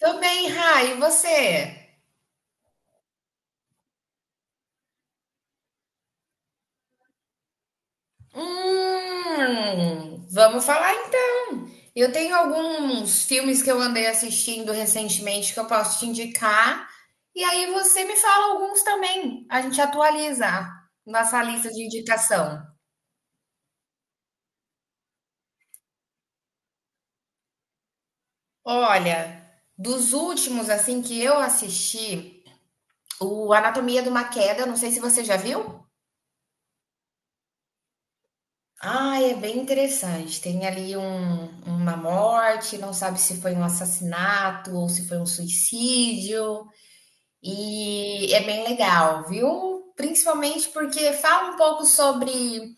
Tô bem, Rai, e você? Vamos falar então. Eu tenho alguns filmes que eu andei assistindo recentemente que eu posso te indicar. E aí você me fala alguns também. A gente atualiza nossa lista de indicação. Olha, dos últimos assim que eu assisti, o Anatomia de uma Queda, não sei se você já viu. Ah, é bem interessante. Tem ali uma morte, não sabe se foi um assassinato ou se foi um suicídio. E é bem legal, viu? Principalmente porque fala um pouco sobre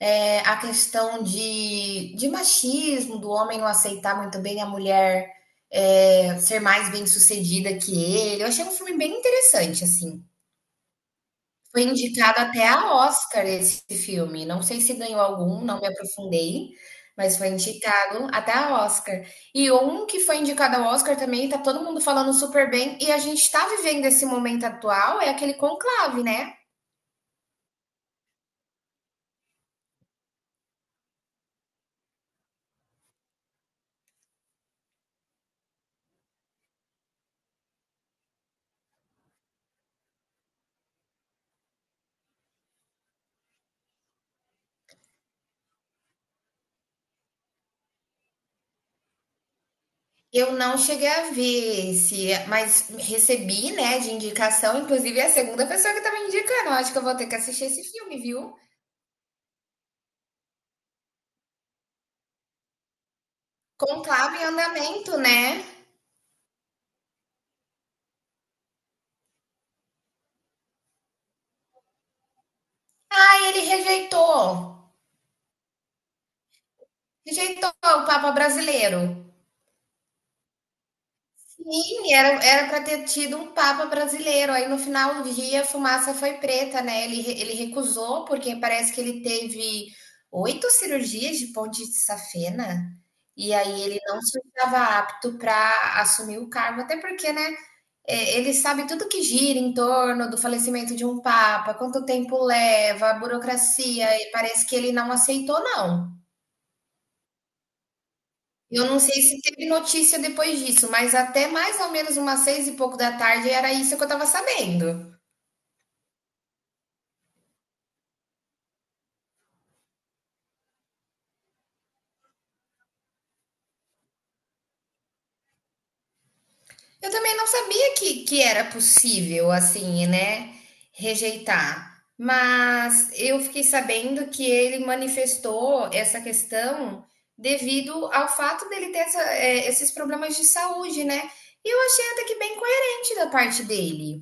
a questão de machismo, do homem não aceitar muito bem a mulher, ser mais bem-sucedida que ele. Eu achei um filme bem interessante, assim. Foi indicado até a Oscar esse filme, não sei se ganhou algum, não me aprofundei, mas foi indicado até a Oscar. E um que foi indicado ao Oscar também, tá todo mundo falando super bem, e a gente tá vivendo esse momento atual, é aquele conclave, né? Eu não cheguei a ver esse, mas recebi, né, de indicação, inclusive é a segunda pessoa que tá me indicando, eu acho que eu vou ter que assistir esse filme, viu? Conclave em andamento, né? Aí ele rejeitou o Papa brasileiro. Sim, era para ter tido um papa brasileiro, aí no final do dia a fumaça foi preta, né, ele recusou, porque parece que ele teve 8 cirurgias de ponte de safena, e aí ele não se estava apto para assumir o cargo, até porque, né, ele sabe tudo que gira em torno do falecimento de um papa, quanto tempo leva, a burocracia, e parece que ele não aceitou não. Eu não sei se teve notícia depois disso, mas até mais ou menos umas seis e pouco da tarde era isso que eu tava sabendo. Eu também não sabia que era possível, assim, né, rejeitar. Mas eu fiquei sabendo que ele manifestou essa questão devido ao fato dele ter esses problemas de saúde, né? E eu achei até que bem coerente da parte dele.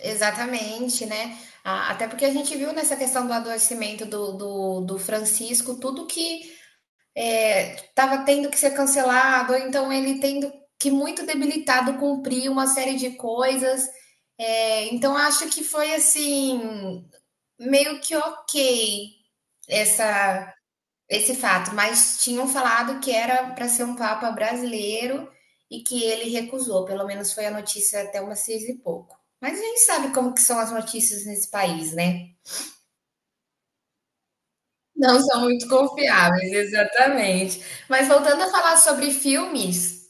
Exatamente, né? Até porque a gente viu nessa questão do adoecimento do Francisco, tudo que estava tendo que ser cancelado, ou então ele tendo que muito debilitado cumprir uma série de coisas. É, então acho que foi assim, meio que ok essa esse fato, mas tinham falado que era para ser um papa brasileiro e que ele recusou, pelo menos foi a notícia até umas seis e pouco. Mas a gente sabe como que são as notícias nesse país, né? Não são muito confiáveis, exatamente. Mas voltando a falar sobre filmes,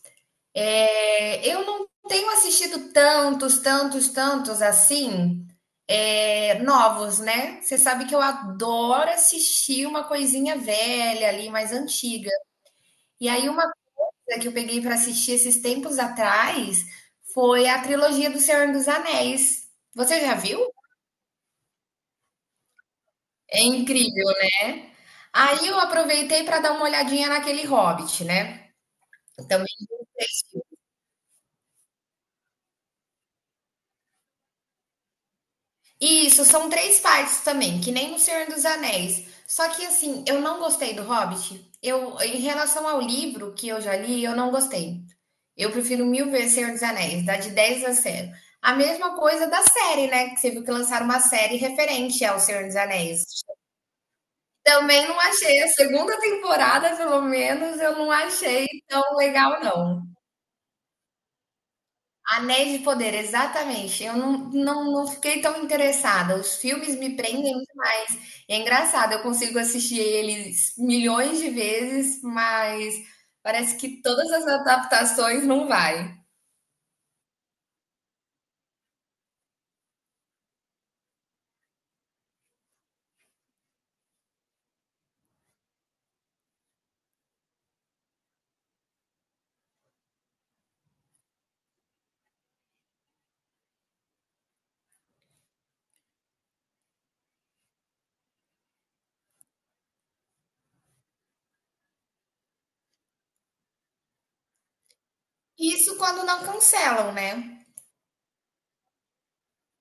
eu não tenho assistido tantos assim, novos, né? Você sabe que eu adoro assistir uma coisinha velha ali, mais antiga. E aí, uma que eu peguei pra assistir esses tempos atrás foi a trilogia do Senhor dos Anéis. Você já viu? É incrível, né? Aí eu aproveitei pra dar uma olhadinha naquele Hobbit, né? Também. Isso, são três partes também, que nem o Senhor dos Anéis. Só que assim, eu não gostei do Hobbit. Eu, em relação ao livro que eu já li, eu não gostei. Eu prefiro mil vezes Senhor dos Anéis, dá de 10 a zero. A mesma coisa da série, né? Que você viu que lançaram uma série referente ao Senhor dos Anéis. Também não achei. A segunda temporada, pelo menos, eu não achei tão legal, não. Anéis de Poder, exatamente. Eu não fiquei tão interessada. Os filmes me prendem muito mais. E é engraçado, eu consigo assistir eles milhões de vezes, mas parece que todas as adaptações não vai. Isso quando não cancelam, né?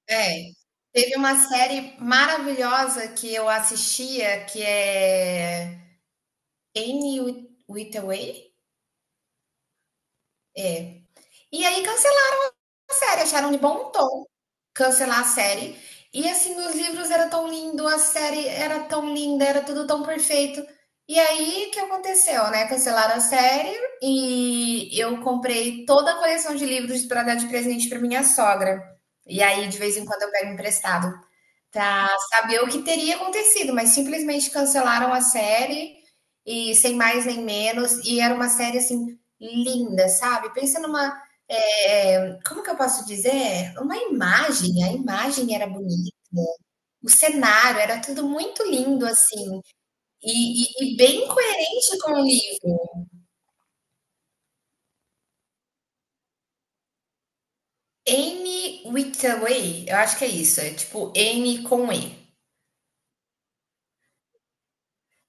É. Teve uma série maravilhosa que eu assistia, que é Anne Withaway? É. E aí cancelaram a série, acharam de bom tom cancelar a série. E assim, os livros eram tão lindos, a série era tão linda, era tudo tão perfeito. E aí, o que aconteceu, né? Cancelaram a série e eu comprei toda a coleção de livros para dar de presente para minha sogra. E aí, de vez em quando, eu pego emprestado. Pra saber o que teria acontecido, mas simplesmente cancelaram a série e sem mais nem menos, e era uma série assim linda, sabe? Pensa numa, como que eu posso dizer? Uma imagem, a imagem era bonita, o cenário era tudo muito lindo assim, e bem coerente com o livro. Anne Hathaway, eu acho que é isso, é tipo N com E.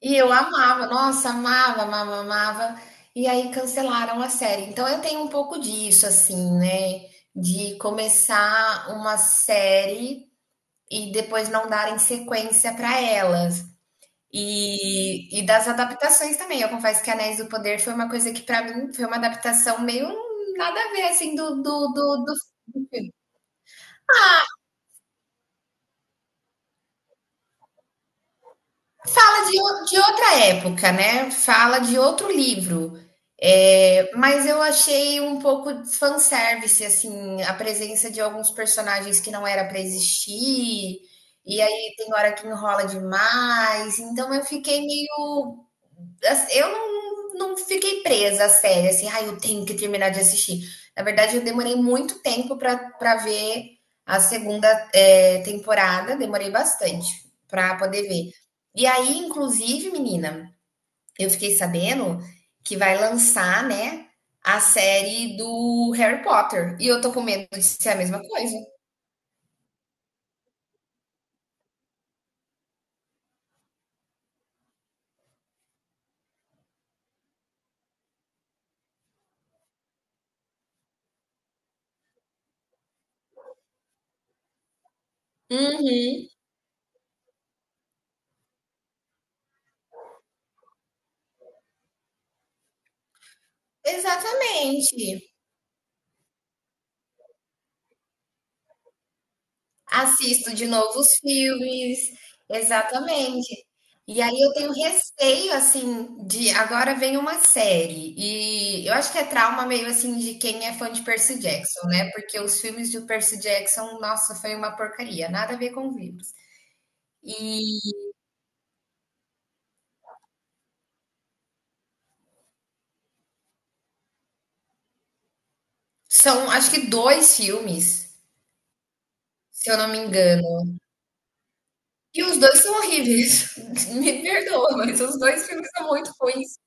E eu amava, nossa, amava, amava, amava. E aí cancelaram a série. Então eu tenho um pouco disso, assim, né? De começar uma série e depois não darem sequência para elas. E das adaptações também. Eu confesso que Anéis do Poder foi uma coisa que para mim foi uma adaptação meio nada a ver, assim, do filme. Fala de, de outra época, né? Fala de outro livro. É, mas eu achei um pouco de fanservice, assim, a presença de alguns personagens que não era para existir, e aí tem hora que enrola demais, então eu fiquei meio. Assim, eu não fiquei presa à série, assim, ai, eu tenho que terminar de assistir. Na verdade, eu demorei muito tempo pra ver a segunda, temporada, demorei bastante pra poder ver. E aí, inclusive, menina, eu fiquei sabendo que vai lançar, né, a série do Harry Potter. E eu tô com medo de ser a mesma coisa. Uhum. Exatamente. Assisto de novo os filmes, exatamente. E aí eu tenho receio, assim, de agora vem uma série. E eu acho que é trauma meio assim de quem é fã de Percy Jackson, né? Porque os filmes de Percy Jackson, nossa, foi uma porcaria, nada a ver com os livros. E são, acho que dois filmes, se eu não me engano. E os dois são horríveis. Me perdoa, mas os dois filmes são muito ruins.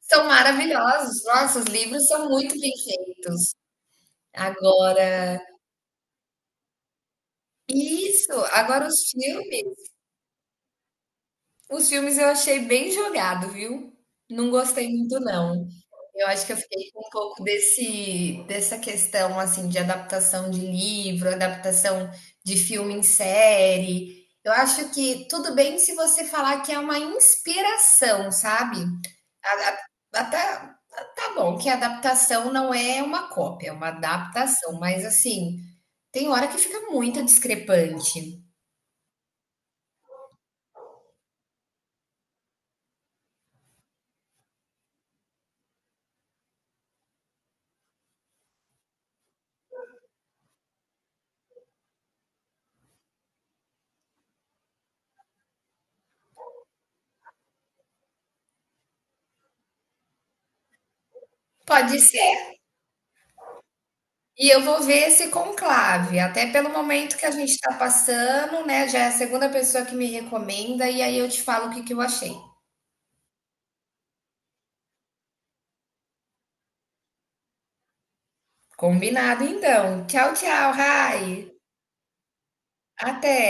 São maravilhosos. Nossa, os livros são muito bem feitos. Agora isso, agora os filmes eu achei bem jogado, viu. Não gostei muito não. Eu acho que eu fiquei com um pouco desse dessa questão, assim, de adaptação de livro, adaptação de filme em série. Eu acho que tudo bem se você falar que é uma inspiração, sabe. A Até tá bom que a adaptação não é uma cópia, é uma adaptação, mas assim, tem hora que fica muito discrepante. Pode ser. E eu vou ver esse conclave, até pelo momento que a gente está passando, né? Já é a segunda pessoa que me recomenda, e aí eu te falo o que que eu achei. Combinado, então. Tchau, tchau, Rai. Até.